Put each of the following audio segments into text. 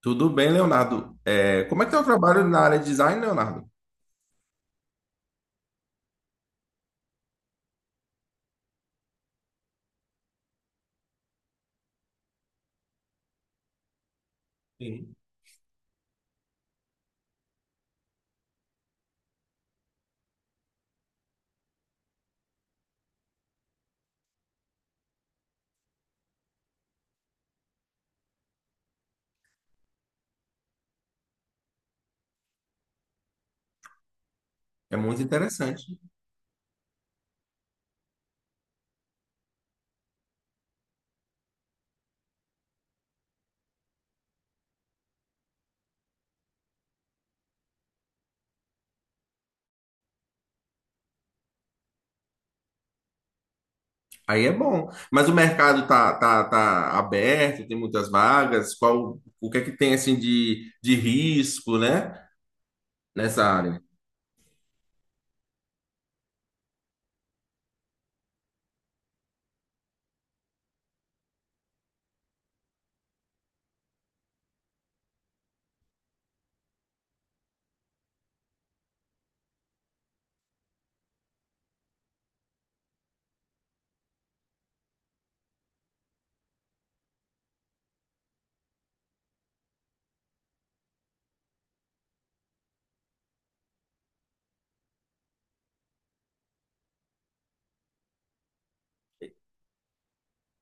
Tudo bem, Leonardo. Como é que é o trabalho na área de design, Leonardo? Sim. É muito interessante. Aí é bom. Mas o mercado tá aberto, tem muitas vagas. Qual, o que é que tem assim de risco, né? Nessa área.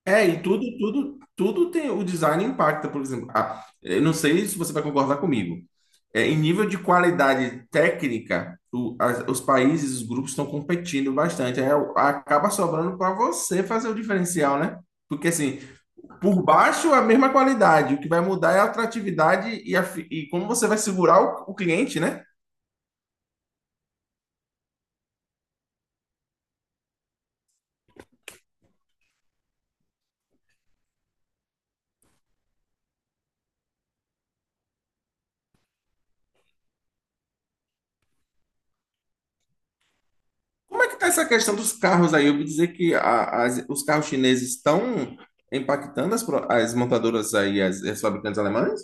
É, e tudo tem, o design impacta, por exemplo. Ah, eu não sei se você vai concordar comigo. Em nível de qualidade técnica, os países, os grupos estão competindo bastante. Aí acaba sobrando para você fazer o diferencial, né? Porque assim, por baixo é a mesma qualidade, o que vai mudar é a atratividade e, e como você vai segurar o cliente, né? Como é que está essa questão dos carros aí? Eu ouvi dizer que os carros chineses estão impactando as, as montadoras aí, as fabricantes alemãs?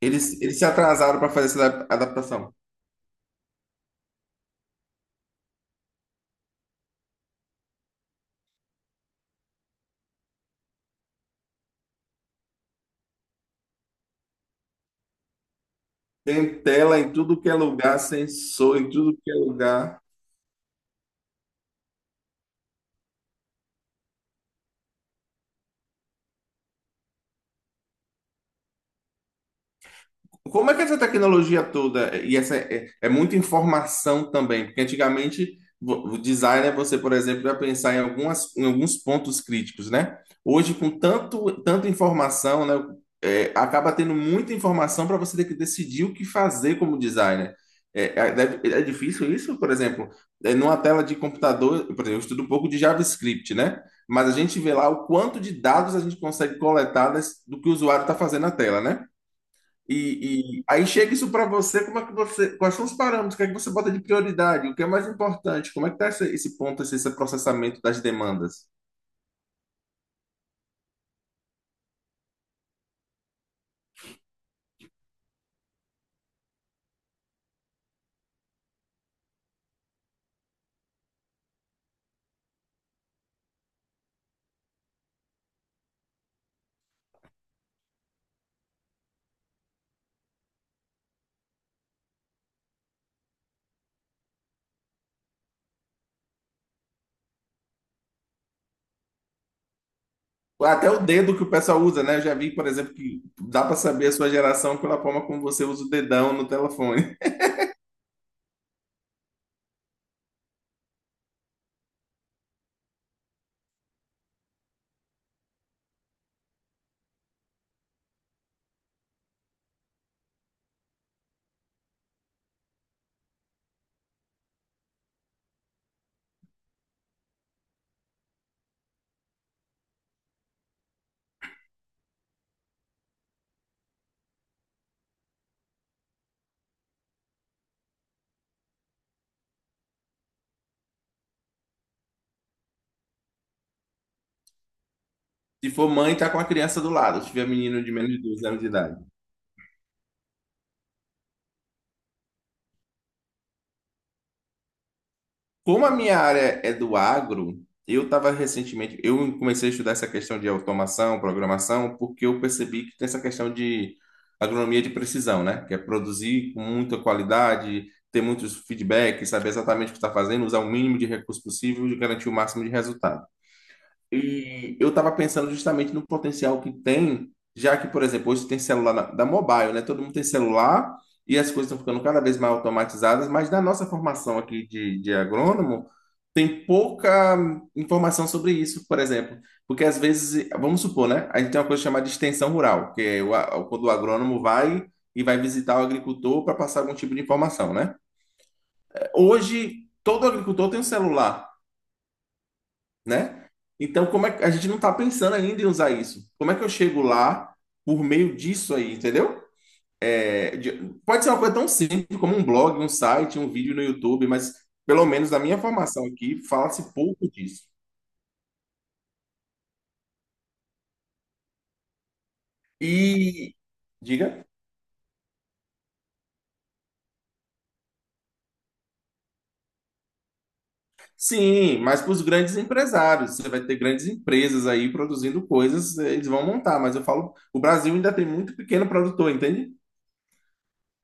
Eles se atrasaram para fazer essa adaptação. Tem tela em tudo que é lugar, sensor em tudo que é lugar. Como é que essa tecnologia toda e essa é muita informação também? Porque antigamente o designer você, por exemplo, ia pensar em algumas em alguns pontos críticos, né? Hoje com tanto tanta informação, né, acaba tendo muita informação para você ter que decidir o que fazer como designer. É difícil isso, por exemplo, numa tela de computador, por exemplo, eu estudo um pouco de JavaScript, né? Mas a gente vê lá o quanto de dados a gente consegue coletar do que o usuário está fazendo na tela, né? E aí chega isso para você, como é que você, quais são os parâmetros, o que é que você bota de prioridade, o que é mais importante, como é que tá esse ponto, esse processamento das demandas? Até o dedo que o pessoal usa, né? Eu já vi, por exemplo, que dá para saber a sua geração pela forma como você usa o dedão no telefone. Se for mãe, tá com a criança do lado, se tiver menino de menos de 12 anos de idade. Como a minha área é do agro, eu estava recentemente, eu comecei a estudar essa questão de automação, programação, porque eu percebi que tem essa questão de agronomia de precisão, né? Que é produzir com muita qualidade, ter muitos feedbacks, saber exatamente o que está fazendo, usar o mínimo de recurso possível e garantir o máximo de resultado. E eu estava pensando justamente no potencial que tem, já que, por exemplo, hoje tem celular da mobile, né? Todo mundo tem celular e as coisas estão ficando cada vez mais automatizadas, mas na nossa formação aqui de agrônomo, tem pouca informação sobre isso, por exemplo. Porque às vezes, vamos supor, né? A gente tem uma coisa chamada de extensão rural, que é quando o agrônomo vai e vai visitar o agricultor para passar algum tipo de informação, né? Hoje, todo agricultor tem um celular né? Então, como é que a gente não está pensando ainda em usar isso? Como é que eu chego lá por meio disso aí, entendeu? É, de- Pode ser uma coisa tão simples como um blog, um site, um vídeo no YouTube, mas pelo menos na minha formação aqui fala-se pouco disso. E diga, sim, mas para os grandes empresários, você vai ter grandes empresas aí produzindo coisas, eles vão montar, mas eu falo, o Brasil ainda tem muito pequeno produtor, entende?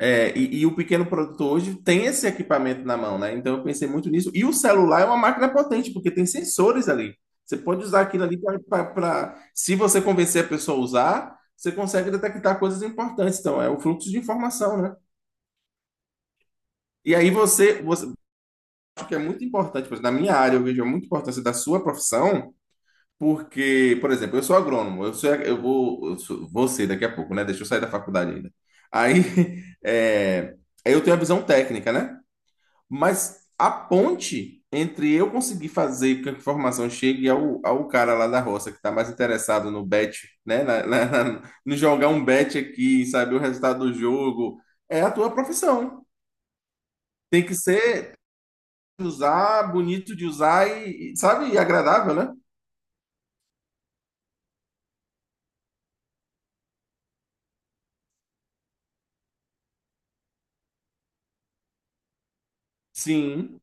E, e o pequeno produtor hoje tem esse equipamento na mão, né? Então eu pensei muito nisso. E o celular é uma máquina potente, porque tem sensores ali. Você pode usar aquilo ali para. Se você convencer a pessoa a usar, você consegue detectar coisas importantes. Então, é o fluxo de informação, né? E aí você acho que é muito importante, por exemplo, na minha área eu vejo muita importância da sua profissão, porque, por exemplo, eu sou agrônomo, eu sou, eu vou, eu sou, vou ser daqui a pouco, né? Deixa eu sair da faculdade ainda. Aí, é, eu tenho a visão técnica, né? Mas a ponte entre eu conseguir fazer com que a informação chegue ao cara lá da roça que está mais interessado no bet, né? No jogar um bet aqui, saber o resultado do jogo, é a tua profissão. Tem que ser usar, bonito de usar sabe, e agradável, né? Sim,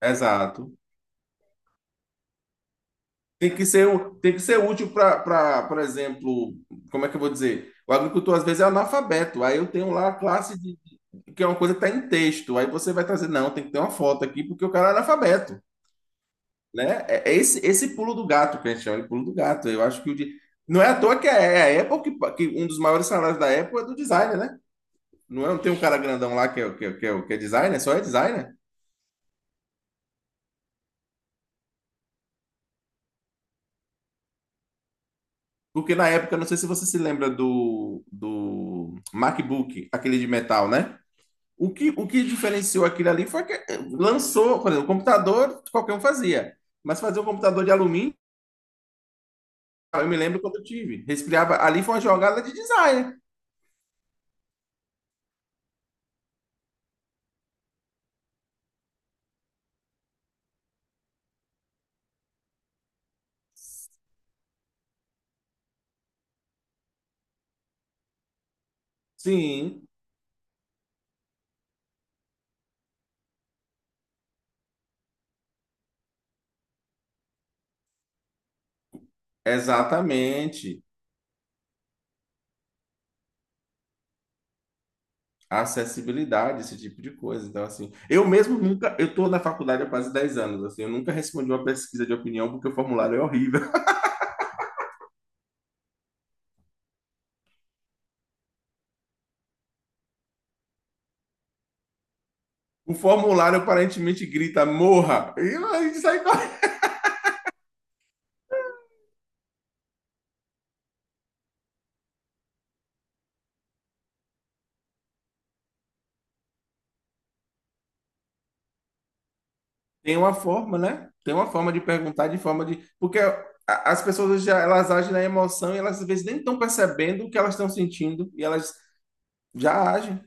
exato. Tem que ser útil para, por exemplo, como é que eu vou dizer? O agricultor às vezes é analfabeto, aí eu tenho lá a classe de que é uma coisa que está em texto. Aí você vai trazer, não, tem que ter uma foto aqui, porque o cara é analfabeto, né? Esse pulo do gato que a gente chama de pulo do gato. Eu acho que o de... Não é à toa que é é a Apple, que um dos maiores salários da Apple é do designer, né? Não, é, não tem um cara grandão lá que é designer, só é designer. Porque na época, não sei se você se lembra do MacBook, aquele de metal, né? O que diferenciou aquilo ali foi que lançou, por exemplo, o computador qualquer um fazia, mas fazer um computador de alumínio. Cara, eu me lembro quando eu tive. Respirava. Ali foi uma jogada de design. Sim, exatamente. Acessibilidade, esse tipo de coisa. Então, assim, eu mesmo nunca. Eu estou na faculdade há quase 10 anos. Assim, eu nunca respondi uma pesquisa de opinião porque o formulário é horrível. O formulário aparentemente grita morra. E a gente sai correndo. Tem uma forma, né? Tem uma forma de perguntar, de forma de. As pessoas já elas agem na emoção e elas às vezes nem estão percebendo o que elas estão sentindo e elas já agem.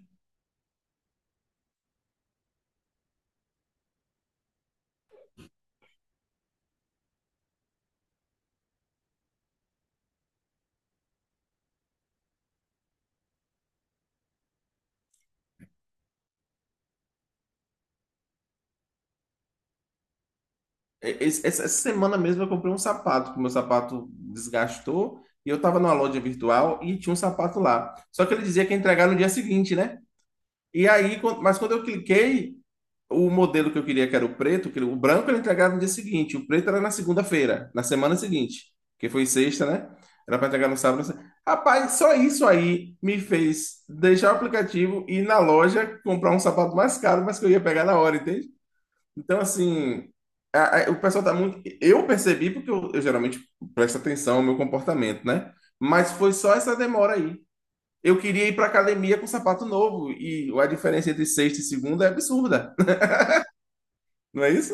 Essa semana mesmo eu comprei um sapato, que o meu sapato desgastou, e eu tava numa loja virtual e tinha um sapato lá. Só que ele dizia que ia entregar no dia seguinte, né? Mas quando eu cliquei, o modelo que eu queria, que era o preto, que o branco ele entregava no dia seguinte, o preto era na segunda-feira, na semana seguinte, que foi sexta, né? Era para entregar no sábado. Na se- Rapaz, só isso aí me fez deixar o aplicativo e ir na loja comprar um sapato mais caro, mas que eu ia pegar na hora, entende? Então, assim, o pessoal tá muito. Eu percebi porque eu geralmente presto atenção ao meu comportamento, né? Mas foi só essa demora aí. Eu queria ir pra academia com sapato novo e a diferença entre sexta e segunda é absurda, não é isso?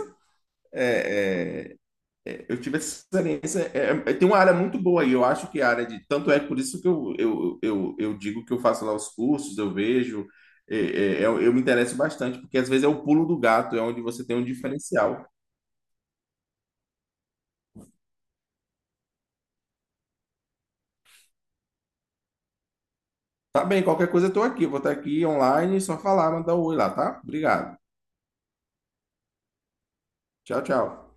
É, eu tive essa experiência. Tem uma área muito boa aí, eu acho que a área de. Tanto é por isso que eu digo que eu faço lá os cursos, eu vejo, é, eu me interesso bastante, porque às vezes é o pulo do gato, é onde você tem um diferencial. Tá bem, qualquer coisa eu tô aqui. Vou estar aqui online, só falar, mandar um oi lá, tá? Obrigado. Tchau, tchau.